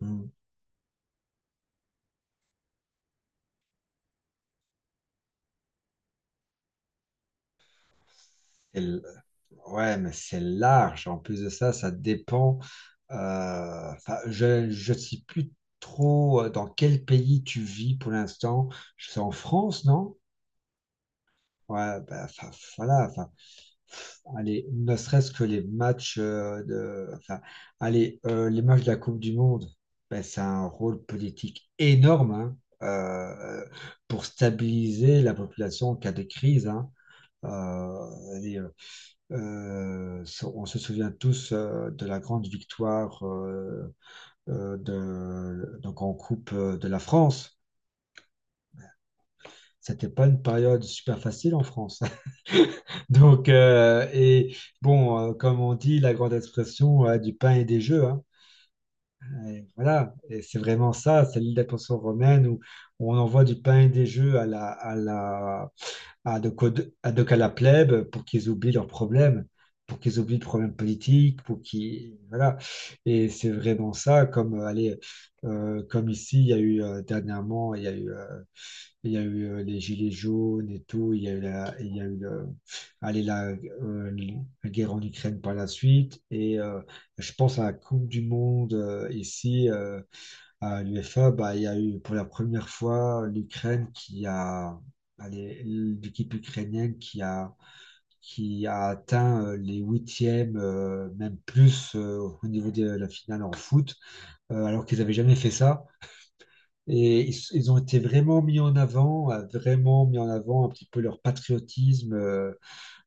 Mm. C'est l- Ouais, mais c'est large. En plus de ça, ça dépend. Enfin, je ne sais plus trop dans quel pays tu vis pour l'instant. C'est en France, non? Ouais, bah, enfin, voilà. Enfin, allez, ne serait-ce que les matchs de. Enfin, allez, les matchs de la Coupe du Monde, ben, c'est un rôle politique énorme, hein, euh, pour stabiliser la population en cas de crise, hein. Euh, allez, euh, on se souvient tous de la grande victoire de, donc en Coupe de la France. C'était pas une période super facile en France. Donc, et bon, comme on dit, la grande expression du pain et des jeux, hein. Et voilà, et c'est vraiment ça, c'est l'île d'attention romaine où on envoie du pain et des jeux à la, à la à de, quoi- à de qu'à la plèbe pour qu'ils oublient leurs problèmes, pour qu'ils oublient le problème politique, pour qu'ils... Voilà. Et c'est vraiment ça, comme, allez, comme ici, il y a eu dernièrement, il y a eu, les gilets jaunes et tout, il y a eu la, il y a eu le- allez, euh, la guerre en Ukraine par la suite, et je pense à la Coupe du Monde ici, à l'UEFA, bah, il y a eu pour la première fois l'Ukraine qui a, allez, l'équipe ukrainienne qui a atteint les huitièmes, même plus au niveau de la finale en foot, alors qu'ils n'avaient jamais fait ça. Et ils ont été vraiment mis en avant, vraiment mis en avant un petit peu leur patriotisme, euh,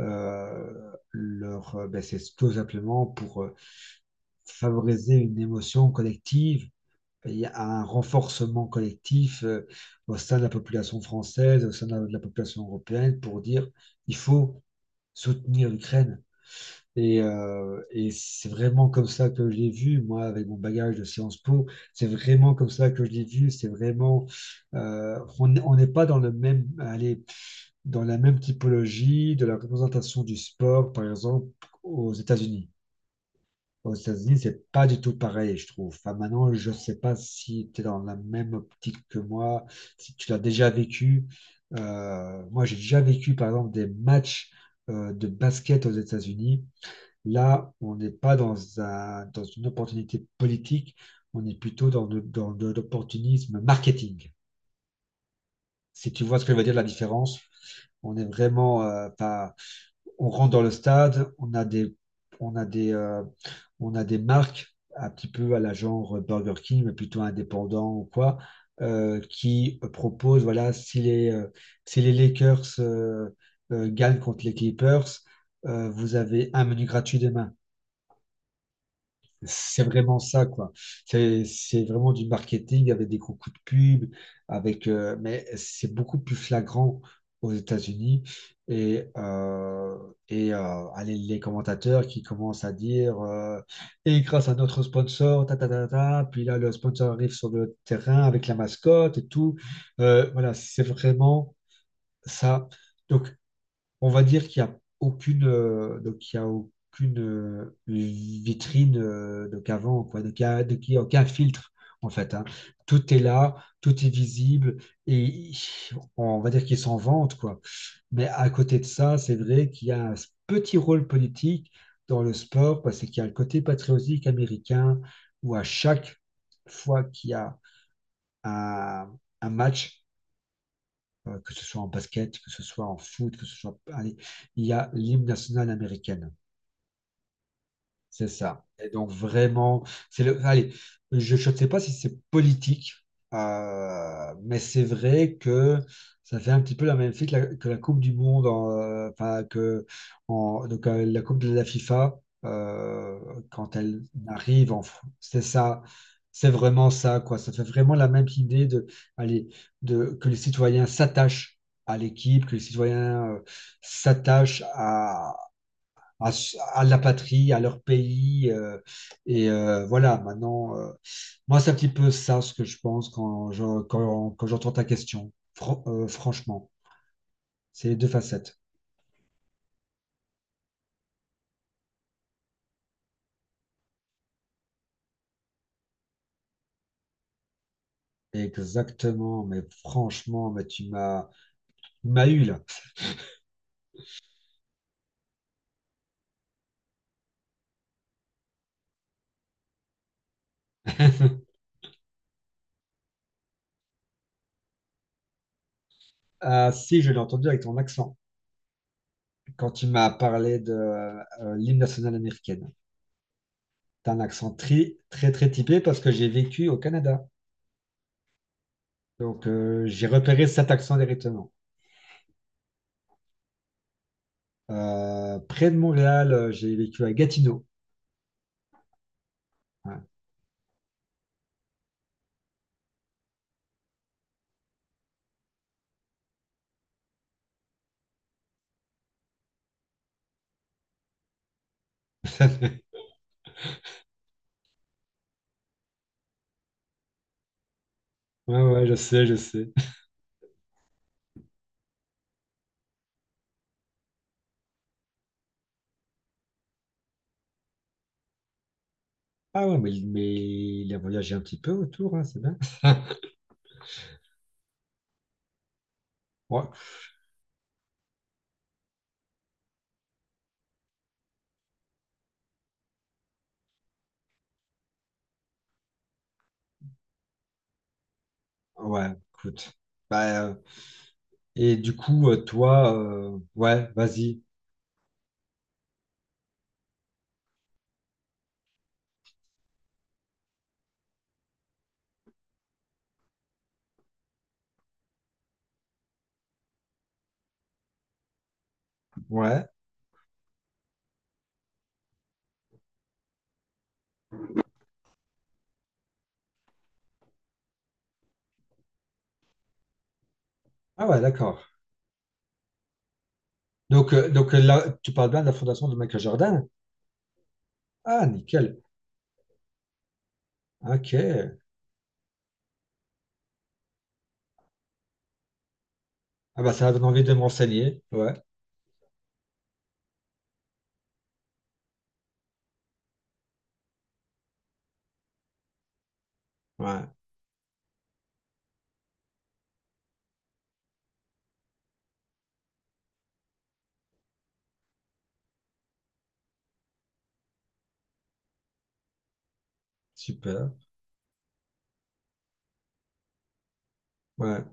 euh, leur, euh, ben, c'est tout simplement pour favoriser une émotion collective, il y a un renforcement collectif au sein de la population française, au sein de la population européenne, pour dire il faut soutenir l'Ukraine. Et c'est vraiment comme ça que je l'ai vu, moi, avec mon bagage de Sciences Po, c'est vraiment comme ça que je l'ai vu, c'est vraiment... On n'est pas dans, le même, allez, dans la même typologie de la représentation du sport, par exemple, aux États-Unis. Aux États-Unis, c'est pas du tout pareil, je trouve. Enfin, maintenant, je sais pas si tu es dans la même optique que moi, si tu l'as déjà vécu. Moi, j'ai déjà vécu, par exemple, des matchs de basket aux États-Unis. Là, on n'est pas dans une opportunité politique, on est plutôt dans de l'opportunisme marketing. Si tu vois ce que je veux dire, la différence, on est vraiment, enfin, on rentre dans le stade, on a des, on a des, on a des marques un petit peu à la genre Burger King, mais plutôt indépendant ou quoi, qui proposent, voilà, si les, si les Lakers gagnent contre les Clippers, vous avez un menu gratuit demain. C'est vraiment ça, quoi. C'est vraiment du marketing avec des gros coups de pub, avec, mais c'est beaucoup plus flagrant aux États-Unis. Et, allez, les commentateurs qui commencent à dire et grâce à notre sponsor, ta, ta, ta, ta, puis là, le sponsor arrive sur le terrain avec la mascotte et tout. Voilà, c'est vraiment ça. Donc, on va dire qu'il n'y a aucune, donc il y a aucune vitrine donc avant, quoi. Donc il y a, donc il y a aucun filtre, en fait, hein. Tout est là, tout est visible, et on va dire qu'ils s'en vantent, quoi. Mais à côté de ça, c'est vrai qu'il y a un petit rôle politique dans le sport, parce qu'il y a le côté patriotique américain, où à chaque fois qu'il y a un, un match, que ce soit en basket, que ce soit en foot, que ce soit... Allez, il y a l'hymne national américaine. C'est ça. Et donc vraiment, c'est le. Allez, je ne sais pas si c'est politique, mais c'est vrai que ça fait un petit peu la même fille que la Coupe du Monde, en, enfin que donc, la Coupe de la FIFA euh, quand elle arrive c'est ça. C'est vraiment ça, quoi. Ça fait vraiment la même idée de, allez, de que les citoyens s'attachent à l'équipe, que les citoyens s'attachent à, à la patrie, à leur pays, et voilà, maintenant, moi, c'est un petit peu ça ce que je pense quand quand, quand j'entends ta question. Franchement, c'est les deux facettes. Exactement, mais franchement, mais tu m'as eu là. Ah si, je l'ai entendu avec ton accent quand tu m'as parlé de l'hymne national américaine. T'as un accent très, très, très typé parce que j'ai vécu au Canada. Donc, j'ai repéré cet accent directement. Près de Montréal, j'ai vécu à Gatineau. Ouais. Ouais, ouais, je sais, je sais. Ah ouais, mais il a voyagé un petit peu autour, hein, c'est bien. Ouais, ouais, écoute. Bah, et du coup, toi, ouais, vas-y. Ouais. Ah ouais, d'accord. Donc, là, tu parles bien de la fondation de Michael Jordan? Ah, nickel. Ok. Ah bah ça donne envie de m'enseigner. Ouais, ouais, super. Ouais.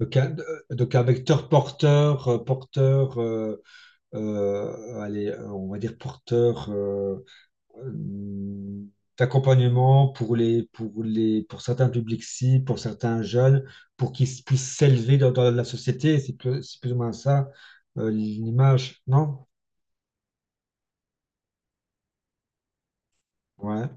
Donc, un vecteur porteur, allez, on va dire porteur euh, d'accompagnement pour les, pour les, pour certains publics cibles, pour certains jeunes, pour puissent s'élever dans, dans la société. C'est plus ou moins ça, l'image, non? Ouais,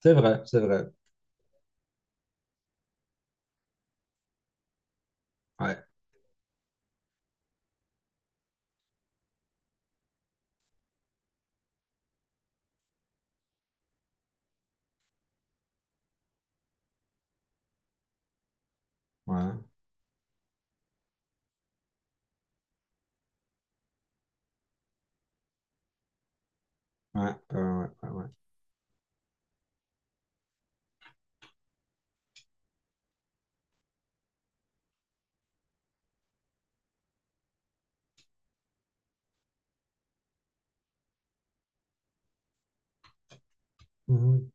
c'est vrai, c'est vrai. Ouais, ouais, ouais, ouais, ouais, ouais. Ouais. Mhm,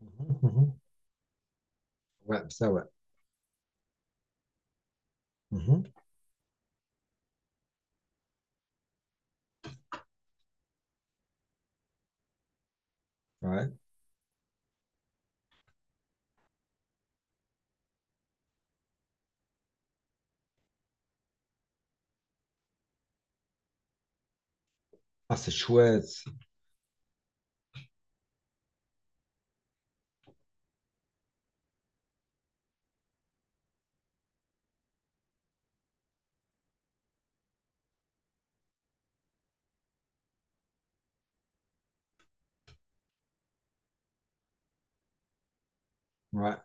mhm, mhm. Ouais, ça, ouais. Mhm. Ouais. Ah, c'est chouette. Ouais.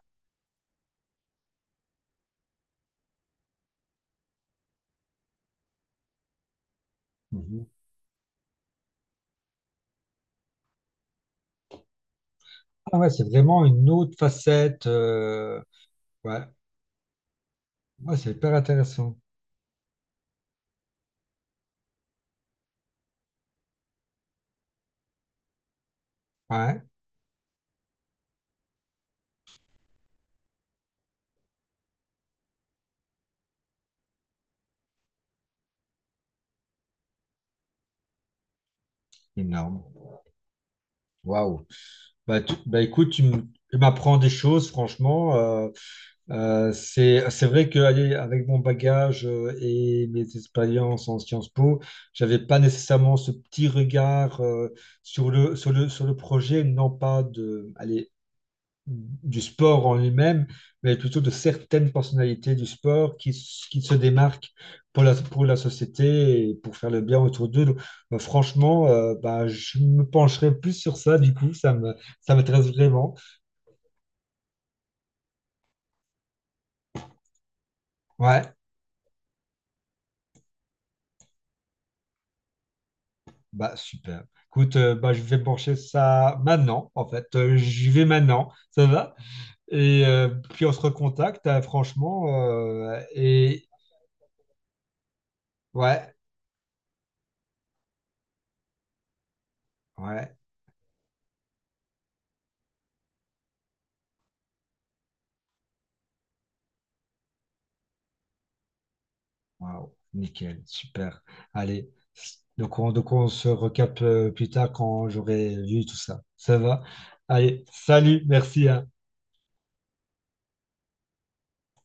Mhm. Ah ouais, c'est vraiment une autre facette. Ouais. Ouais, c'est hyper intéressant. Ouais. Énorme. Waouh. Bah, bah, écoute, tu m'apprends des choses, franchement. C'est vrai que allez, avec mon bagage et mes expériences en Sciences Po, j'avais pas nécessairement ce petit regard sur le, sur le, sur le projet, non pas de, allez, du sport en lui-même, mais plutôt de certaines personnalités du sport qui, qui se démarquent pour la société et pour faire le bien autour d'eux. Donc, franchement, bah, je me pencherai plus sur ça, du coup, ça me, ça m'intéresse vraiment. Ouais, bah super. Écoute, bah, je vais pencher ça maintenant, en fait. J'y vais maintenant, ça va? Et puis on se recontacte, franchement, et ouais, ouais. Waouh, nickel, super. Allez, donc on se recapte plus tard quand j'aurai vu tout ça. Ça va? Allez, salut, merci, hein.